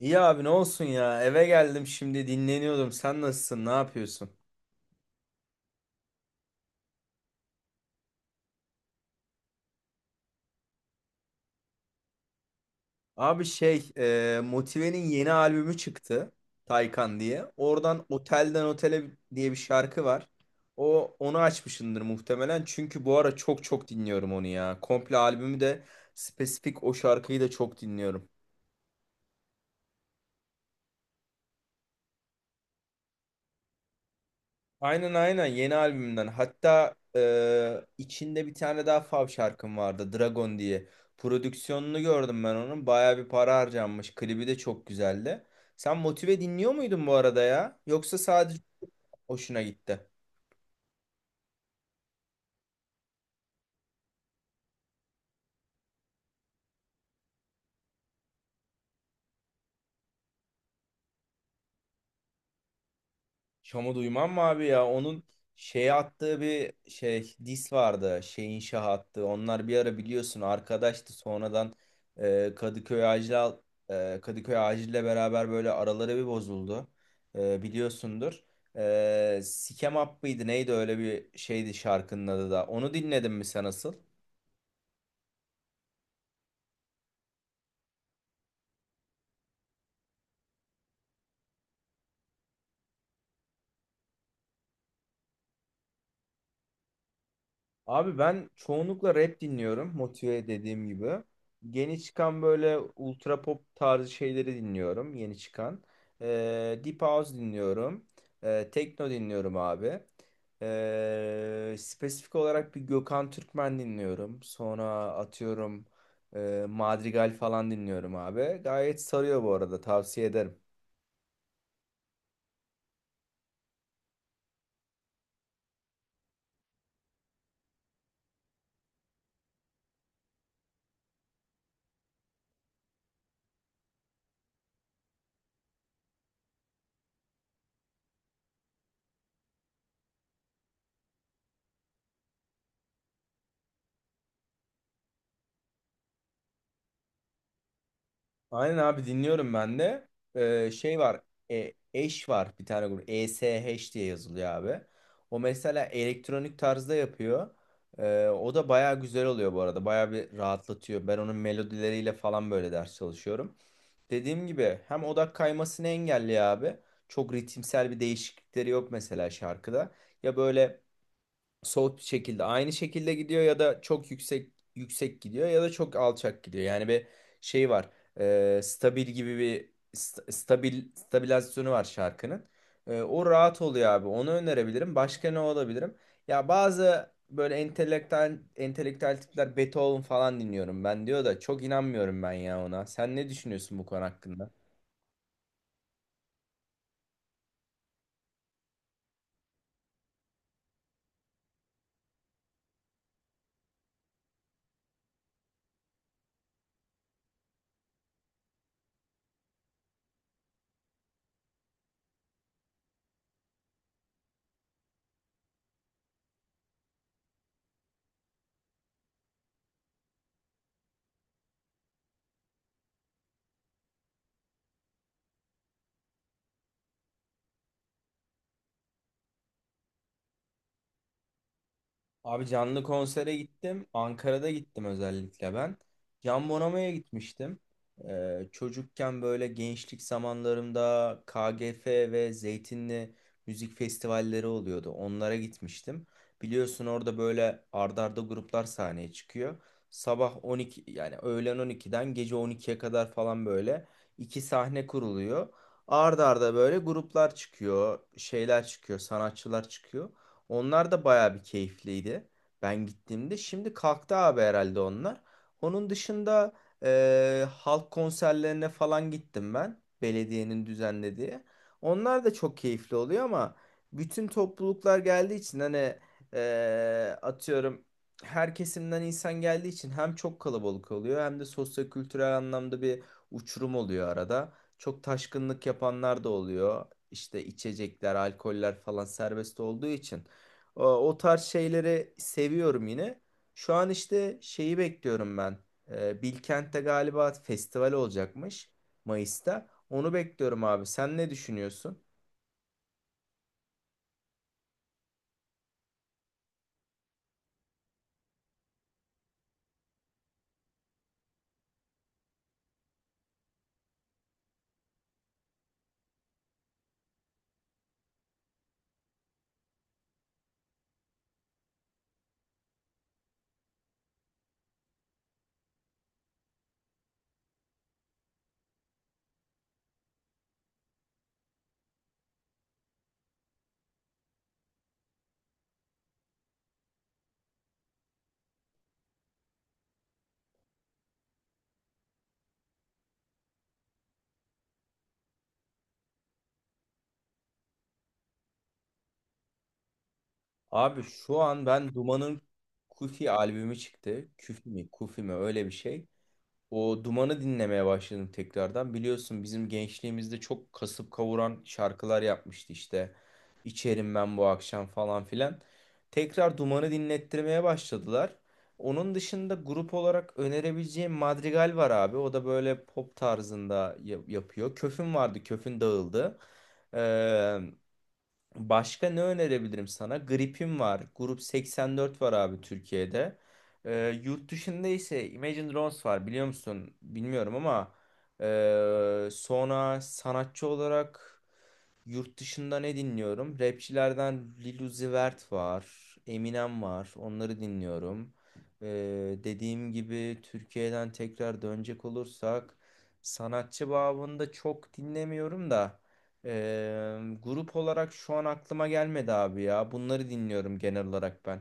İyi abi ne olsun ya, eve geldim şimdi dinleniyordum. Sen nasılsın, ne yapıyorsun? Abi şey Motive'nin yeni albümü çıktı, Taycan diye, oradan Otelden Otele diye bir şarkı var. O onu açmışındır muhtemelen, çünkü bu ara çok çok dinliyorum onu ya, komple albümü de, spesifik o şarkıyı da çok dinliyorum. Aynen aynen, yeni albümden. Hatta içinde bir tane daha fav şarkım vardı, Dragon diye. Prodüksiyonunu gördüm ben onun. Baya bir para harcanmış. Klibi de çok güzeldi. Sen Motive dinliyor muydun bu arada ya? Yoksa sadece hoşuna gitti? Şam'ı duymam mı abi ya? Onun şey attığı bir şey dis vardı. Şeyin şah attı. Onlar bir ara biliyorsun arkadaştı. Sonradan e, Kadıköy Acil Kadıköy Acil'le beraber böyle araları bir bozuldu. Biliyorsundur. Sikem Up mıydı neydi, öyle bir şeydi şarkının adı da. Onu dinledin mi sen asıl? Abi ben çoğunlukla rap dinliyorum. Motive dediğim gibi. Yeni çıkan böyle ultra pop tarzı şeyleri dinliyorum, yeni çıkan. Deep House dinliyorum. Tekno dinliyorum abi. Spesifik olarak bir Gökhan Türkmen dinliyorum. Sonra atıyorum Madrigal falan dinliyorum abi. Gayet sarıyor bu arada. Tavsiye ederim. Aynen abi, dinliyorum ben de. Şey var. Eş var, bir tane grup. ESH diye yazılıyor abi. O mesela elektronik tarzda yapıyor. O da baya güzel oluyor bu arada. Baya bir rahatlatıyor. Ben onun melodileriyle falan böyle ders çalışıyorum. Dediğim gibi, hem odak kaymasını engelliyor abi. Çok ritimsel bir değişiklikleri yok mesela şarkıda. Ya böyle soğut bir şekilde, aynı şekilde gidiyor ya da çok yüksek yüksek gidiyor ya da çok alçak gidiyor. Yani bir şey var. Stabil gibi bir stabil stabilizasyonu var şarkının. O rahat oluyor abi. Onu önerebilirim. Başka ne olabilirim? Ya bazı böyle entelektüel entelektüel tipler "Beethoven falan dinliyorum ben" diyor da, çok inanmıyorum ben ya ona. Sen ne düşünüyorsun bu konu hakkında? Abi canlı konsere gittim. Ankara'da gittim özellikle ben. Can Bonomo'ya gitmiştim. Çocukken böyle, gençlik zamanlarımda, KGF ve Zeytinli müzik festivalleri oluyordu. Onlara gitmiştim. Biliyorsun, orada böyle ardarda arda gruplar sahneye çıkıyor. Sabah 12, yani öğlen 12'den gece 12'ye kadar falan böyle iki sahne kuruluyor. Arda arda böyle gruplar çıkıyor, şeyler çıkıyor, sanatçılar çıkıyor. Onlar da bayağı bir keyifliydi. Ben gittiğimde şimdi kalktı abi herhalde onlar. Onun dışında halk konserlerine falan gittim ben, belediyenin düzenlediği. Onlar da çok keyifli oluyor ama bütün topluluklar geldiği için, hani atıyorum, her kesimden insan geldiği için, hem çok kalabalık oluyor hem de sosyo-kültürel anlamda bir uçurum oluyor arada. Çok taşkınlık yapanlar da oluyor. İşte içecekler, alkoller falan serbest olduğu için. O, o tarz şeyleri seviyorum yine. Şu an işte şeyi bekliyorum ben. Bilkent'te galiba festival olacakmış Mayıs'ta. Onu bekliyorum abi. Sen ne düşünüyorsun? Abi şu an ben Duman'ın Kufi albümü çıktı. Küfi mi? Kufi mi? Öyle bir şey. O Duman'ı dinlemeye başladım tekrardan. Biliyorsun bizim gençliğimizde çok kasıp kavuran şarkılar yapmıştı işte. "İçerim ben bu akşam" falan filan. Tekrar Duman'ı dinlettirmeye başladılar. Onun dışında grup olarak önerebileceğim Madrigal var abi. O da böyle pop tarzında yapıyor. Köfün vardı. Köfün dağıldı. Başka ne önerebilirim sana? Gripim var, Grup 84 var abi Türkiye'de. Yurt dışında ise Imagine Dragons var, biliyor musun? Bilmiyorum ama sonra, sanatçı olarak yurt dışında ne dinliyorum? Rapçilerden Lil Uzi Vert var. Eminem var. Onları dinliyorum. Ee, dediğim gibi, Türkiye'den tekrar dönecek olursak, sanatçı babında çok dinlemiyorum da grup olarak şu an aklıma gelmedi abi ya. Bunları dinliyorum genel olarak ben.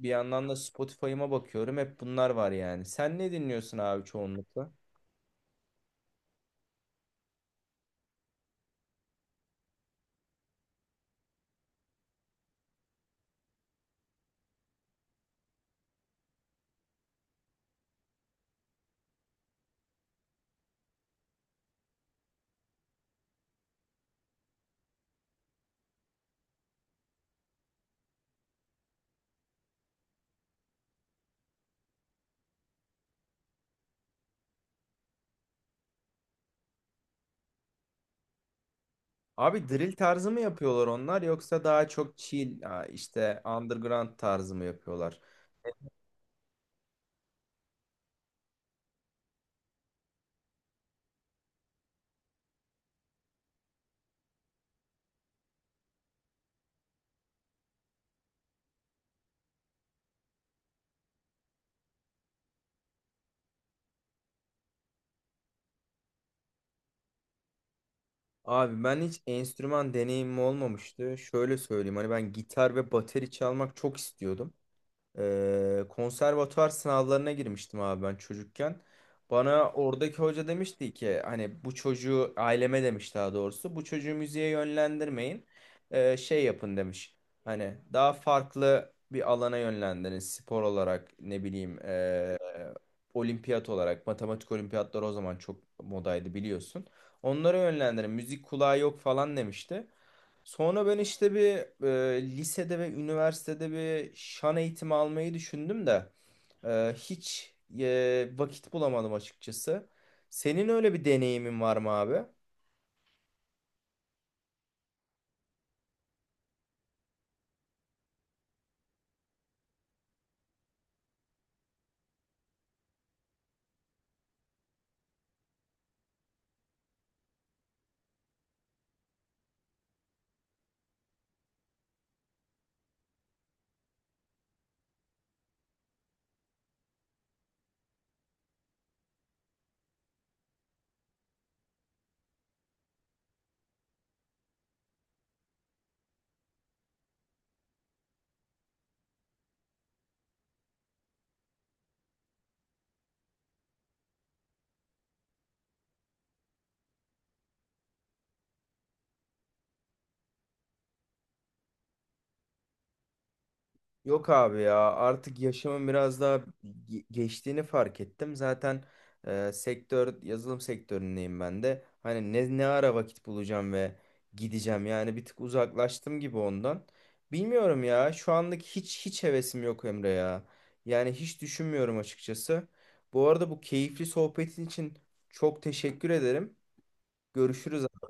Bir yandan da Spotify'ıma bakıyorum, hep bunlar var yani. Sen ne dinliyorsun abi çoğunlukla? Abi drill tarzı mı yapıyorlar onlar, yoksa daha çok chill ha, işte underground tarzı mı yapıyorlar? Abi ben hiç enstrüman deneyimim olmamıştı. Şöyle söyleyeyim, hani ben gitar ve bateri çalmak çok istiyordum. Konservatuvar sınavlarına girmiştim abi ben çocukken. Bana oradaki hoca demişti ki, hani bu çocuğu, aileme demiş daha doğrusu, "Bu çocuğu müziğe yönlendirmeyin. Şey yapın" demiş. Hani daha farklı bir alana yönlendirin, spor olarak ne bileyim olimpiyat olarak, matematik olimpiyatları o zaman çok modaydı biliyorsun. "Onlara yönlendirin, müzik kulağı yok" falan demişti. Sonra ben işte bir lisede ve üniversitede bir şan eğitimi almayı düşündüm de hiç vakit bulamadım açıkçası. Senin öyle bir deneyimin var mı abi? Yok abi ya, artık yaşımın biraz daha geçtiğini fark ettim. Zaten sektör, yazılım sektöründeyim ben de. Hani ne ara vakit bulacağım ve gideceğim? Yani bir tık uzaklaştım gibi ondan. Bilmiyorum ya, şu anlık hiç hevesim yok Emre ya. Yani hiç düşünmüyorum açıkçası. Bu arada bu keyifli sohbetin için çok teşekkür ederim. Görüşürüz.